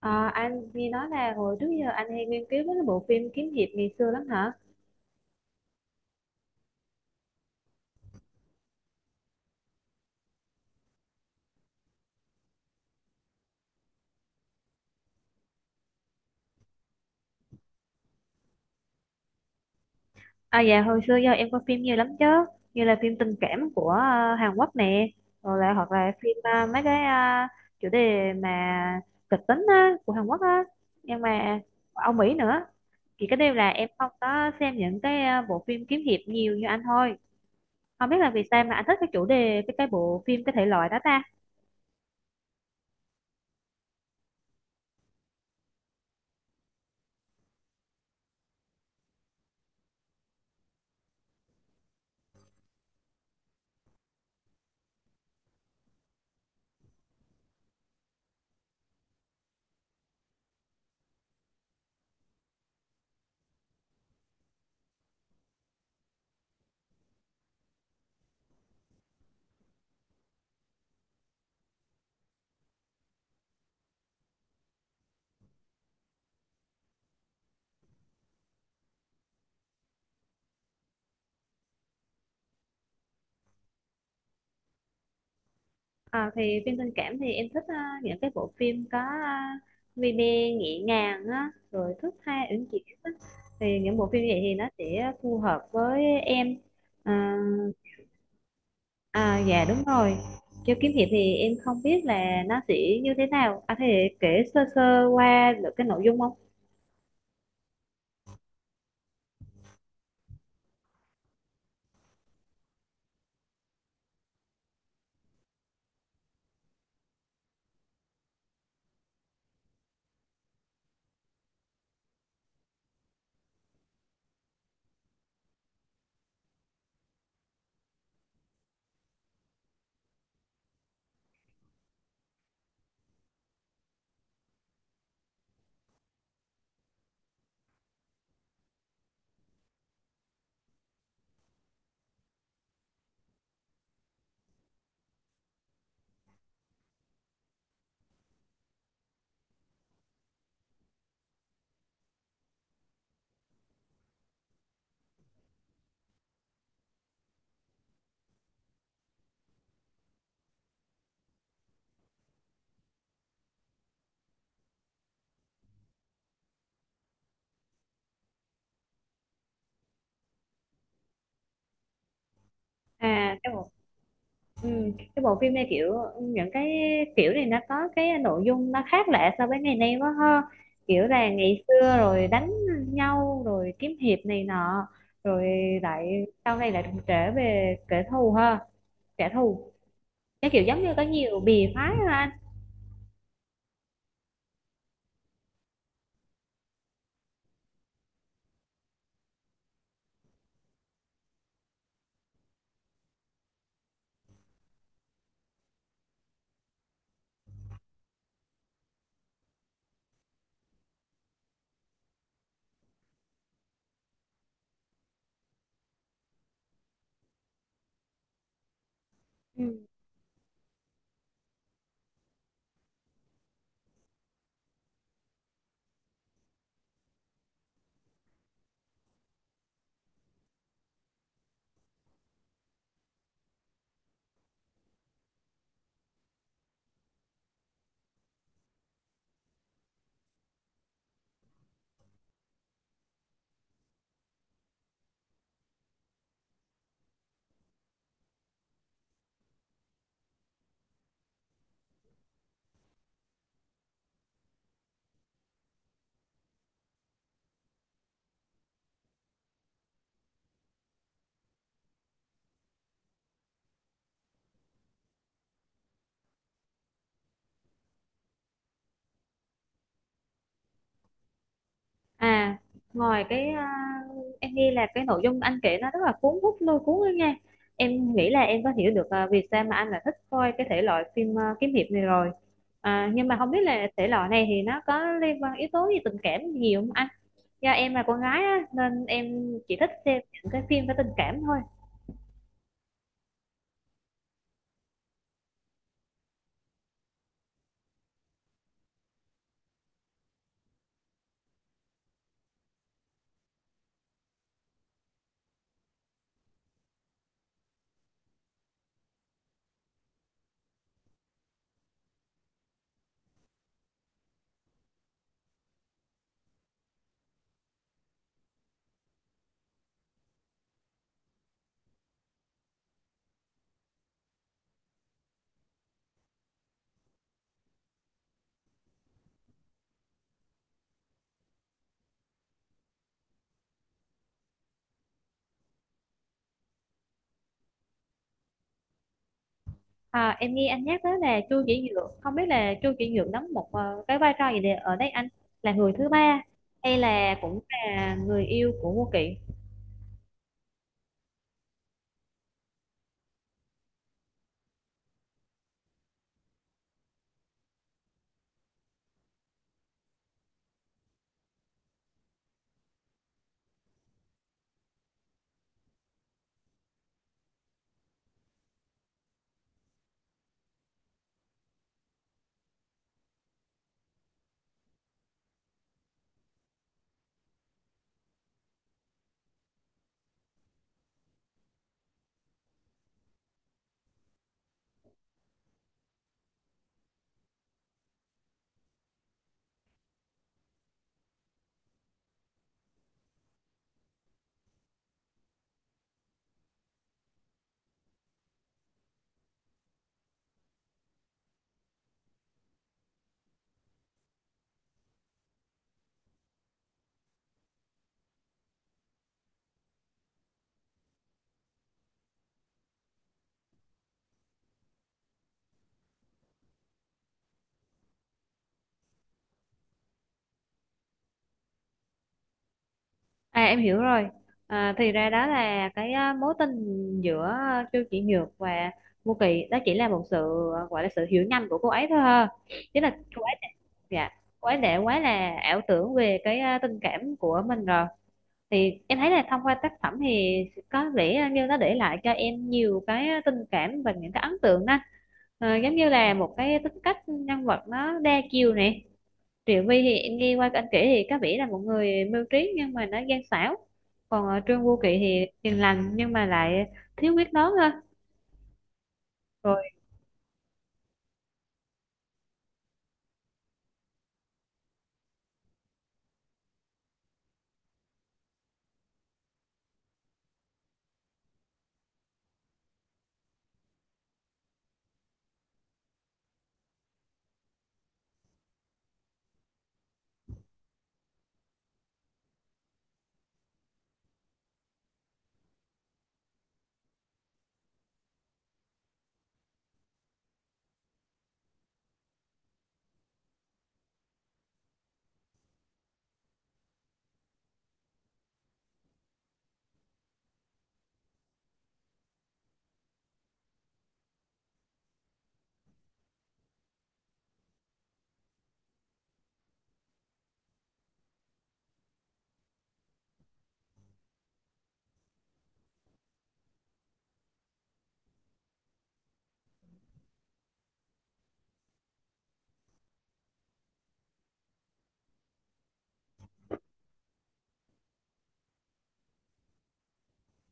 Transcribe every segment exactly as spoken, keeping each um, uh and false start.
À, anh nghe nói là hồi trước giờ anh hay nghiên cứu mấy cái bộ phim kiếm hiệp ngày xưa lắm hả? À dạ, hồi xưa giờ em coi phim nhiều lắm chứ. Như là phim tình cảm của à, Hàn Quốc nè. Rồi lại hoặc là phim à, mấy cái à, chủ đề mà kịch tính á, của Hàn Quốc á. Nhưng mà Âu Mỹ nữa. Chỉ cái điều là em không có xem những cái à, bộ phim kiếm hiệp nhiều như anh thôi. Không biết là vì sao mà anh thích cái chủ đề, cái cái bộ phim, cái thể loại đó ta. À, thì phim tình cảm thì em thích à, những cái bộ phim có à, vi bê, nhẹ nhàng á, rồi thước tha uyển chuyển á. Thì những bộ phim vậy thì nó sẽ phù hợp với em. À, à dạ đúng rồi. Kiêu kiếm hiệp thì em không biết là nó sẽ như thế nào. À, thì kể sơ sơ qua được cái nội dung không? À, cái bộ Ừm, cái bộ phim này, kiểu, những cái kiểu này nó có cái nội dung nó khác lạ so với ngày nay quá ha. Kiểu là ngày xưa rồi đánh nhau rồi kiếm hiệp này nọ, rồi lại sau này lại đụng trễ về kẻ thù ha, kẻ thù. Cái kiểu giống như có nhiều bì phái ha anh. Ừ. À, ngoài cái à, em nghĩ là cái nội dung anh kể nó rất là cuốn hút lôi cuốn ấy nha. Em nghĩ là em có hiểu được à, vì sao mà anh lại thích coi cái thể loại phim à, kiếm hiệp này rồi. À, nhưng mà không biết là thể loại này thì nó có liên quan yếu tố gì tình cảm nhiều không anh? Do em là con gái á, nên em chỉ thích xem những cái phim có tình cảm thôi. À, em nghe anh nhắc tới là Chu Chỉ Nhượng, không biết là Chu Chỉ Nhượng đóng một à, cái vai trò gì để ở đây anh, là người thứ ba hay là cũng là người yêu của Ngô Kỵ? À em hiểu rồi. À, thì ra đó là cái à, mối tình giữa à, Chu Chỉ Nhược và Vô Kỵ đó chỉ là một sự à, gọi là sự hiểu nhầm của cô ấy thôi ha. Chứ là cô ấy, dạ, cô ấy đã quá là ảo tưởng về cái à, tình cảm của mình rồi. Thì em thấy là thông qua tác phẩm thì có vẻ như nó để lại cho em nhiều cái tình cảm và những cái ấn tượng đó. Ờ, giống như là một cái tính cách nhân vật nó đa chiều này. Triệu Vy thì em nghe qua anh kể thì có vẻ là một người mưu trí nhưng mà nó gian xảo, còn ở Trương Vô Kỵ thì hiền lành nhưng mà lại thiếu quyết đoán hơn. rồi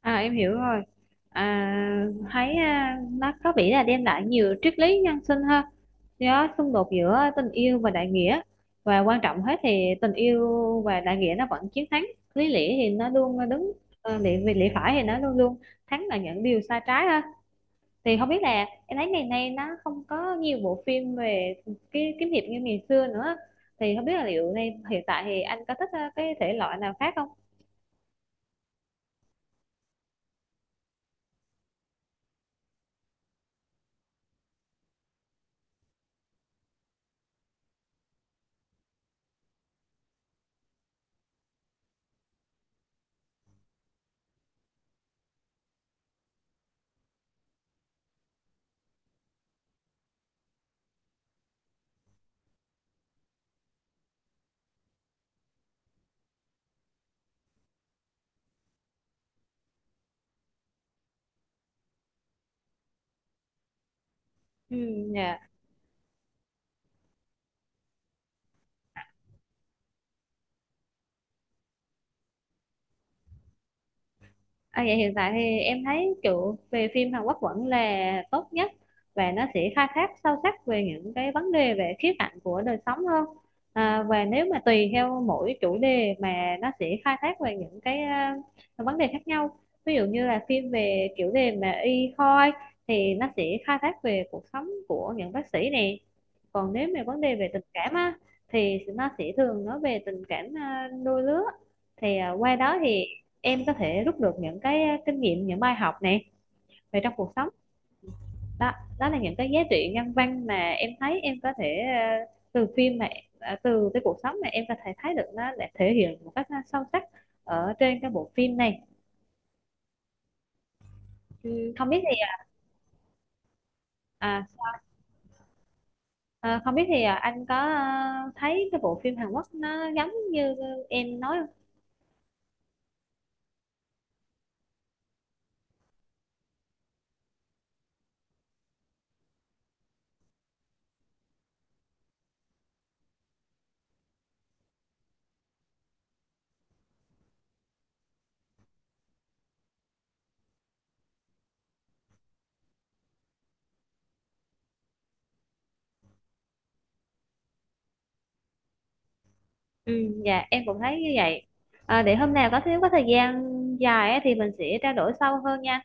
à, em hiểu rồi. À, thấy à, nó có vẻ là đem lại nhiều triết lý nhân sinh hơn, do xung đột giữa tình yêu và đại nghĩa. Và quan trọng hết thì tình yêu và đại nghĩa nó vẫn chiến thắng. Lý lẽ thì nó luôn đứng, ờ, lý về lẽ phải thì nó luôn luôn thắng là những điều sai trái ha. Thì không biết là em thấy ngày nay nó không có nhiều bộ phim về cái kiếm hiệp như ngày xưa nữa. Thì không biết là liệu nay hiện tại thì anh có thích ờ, cái thể loại nào khác không? Ừ, dạ. À, vậy hiện tại thì em thấy kiểu về phim Hàn Quốc vẫn là tốt nhất, và nó sẽ khai thác sâu sắc về những cái vấn đề về khía cạnh của đời sống hơn. À, và nếu mà tùy theo mỗi chủ đề mà nó sẽ khai thác về những cái à, vấn đề khác nhau. Ví dụ như là phim về chủ đề mà y khoa thì nó sẽ khai thác về cuộc sống của những bác sĩ nè. Còn nếu mà vấn đề về tình cảm á, thì nó sẽ thường nói về tình cảm à, đôi lứa. Thì à, qua đó thì em có thể rút được những cái ờ, kinh nghiệm, những bài học này về trong cuộc sống đó. Đó là những cái giá trị nhân văn mà em thấy em có thể ờ, từ phim mà ờ, từ cái cuộc sống mà em có thể thấy được, nó để thể hiện một cách ờ, sâu sắc ở trên cái bộ phim này. Ừ, không biết thì à, à, Không biết thì à, anh có ờ, thấy cái bộ phim Hàn Quốc nó giống như em nói không? Ừ, dạ em cũng thấy như vậy. À, để hôm nào có thiếu có thời gian dài á thì mình sẽ trao đổi sâu hơn nha.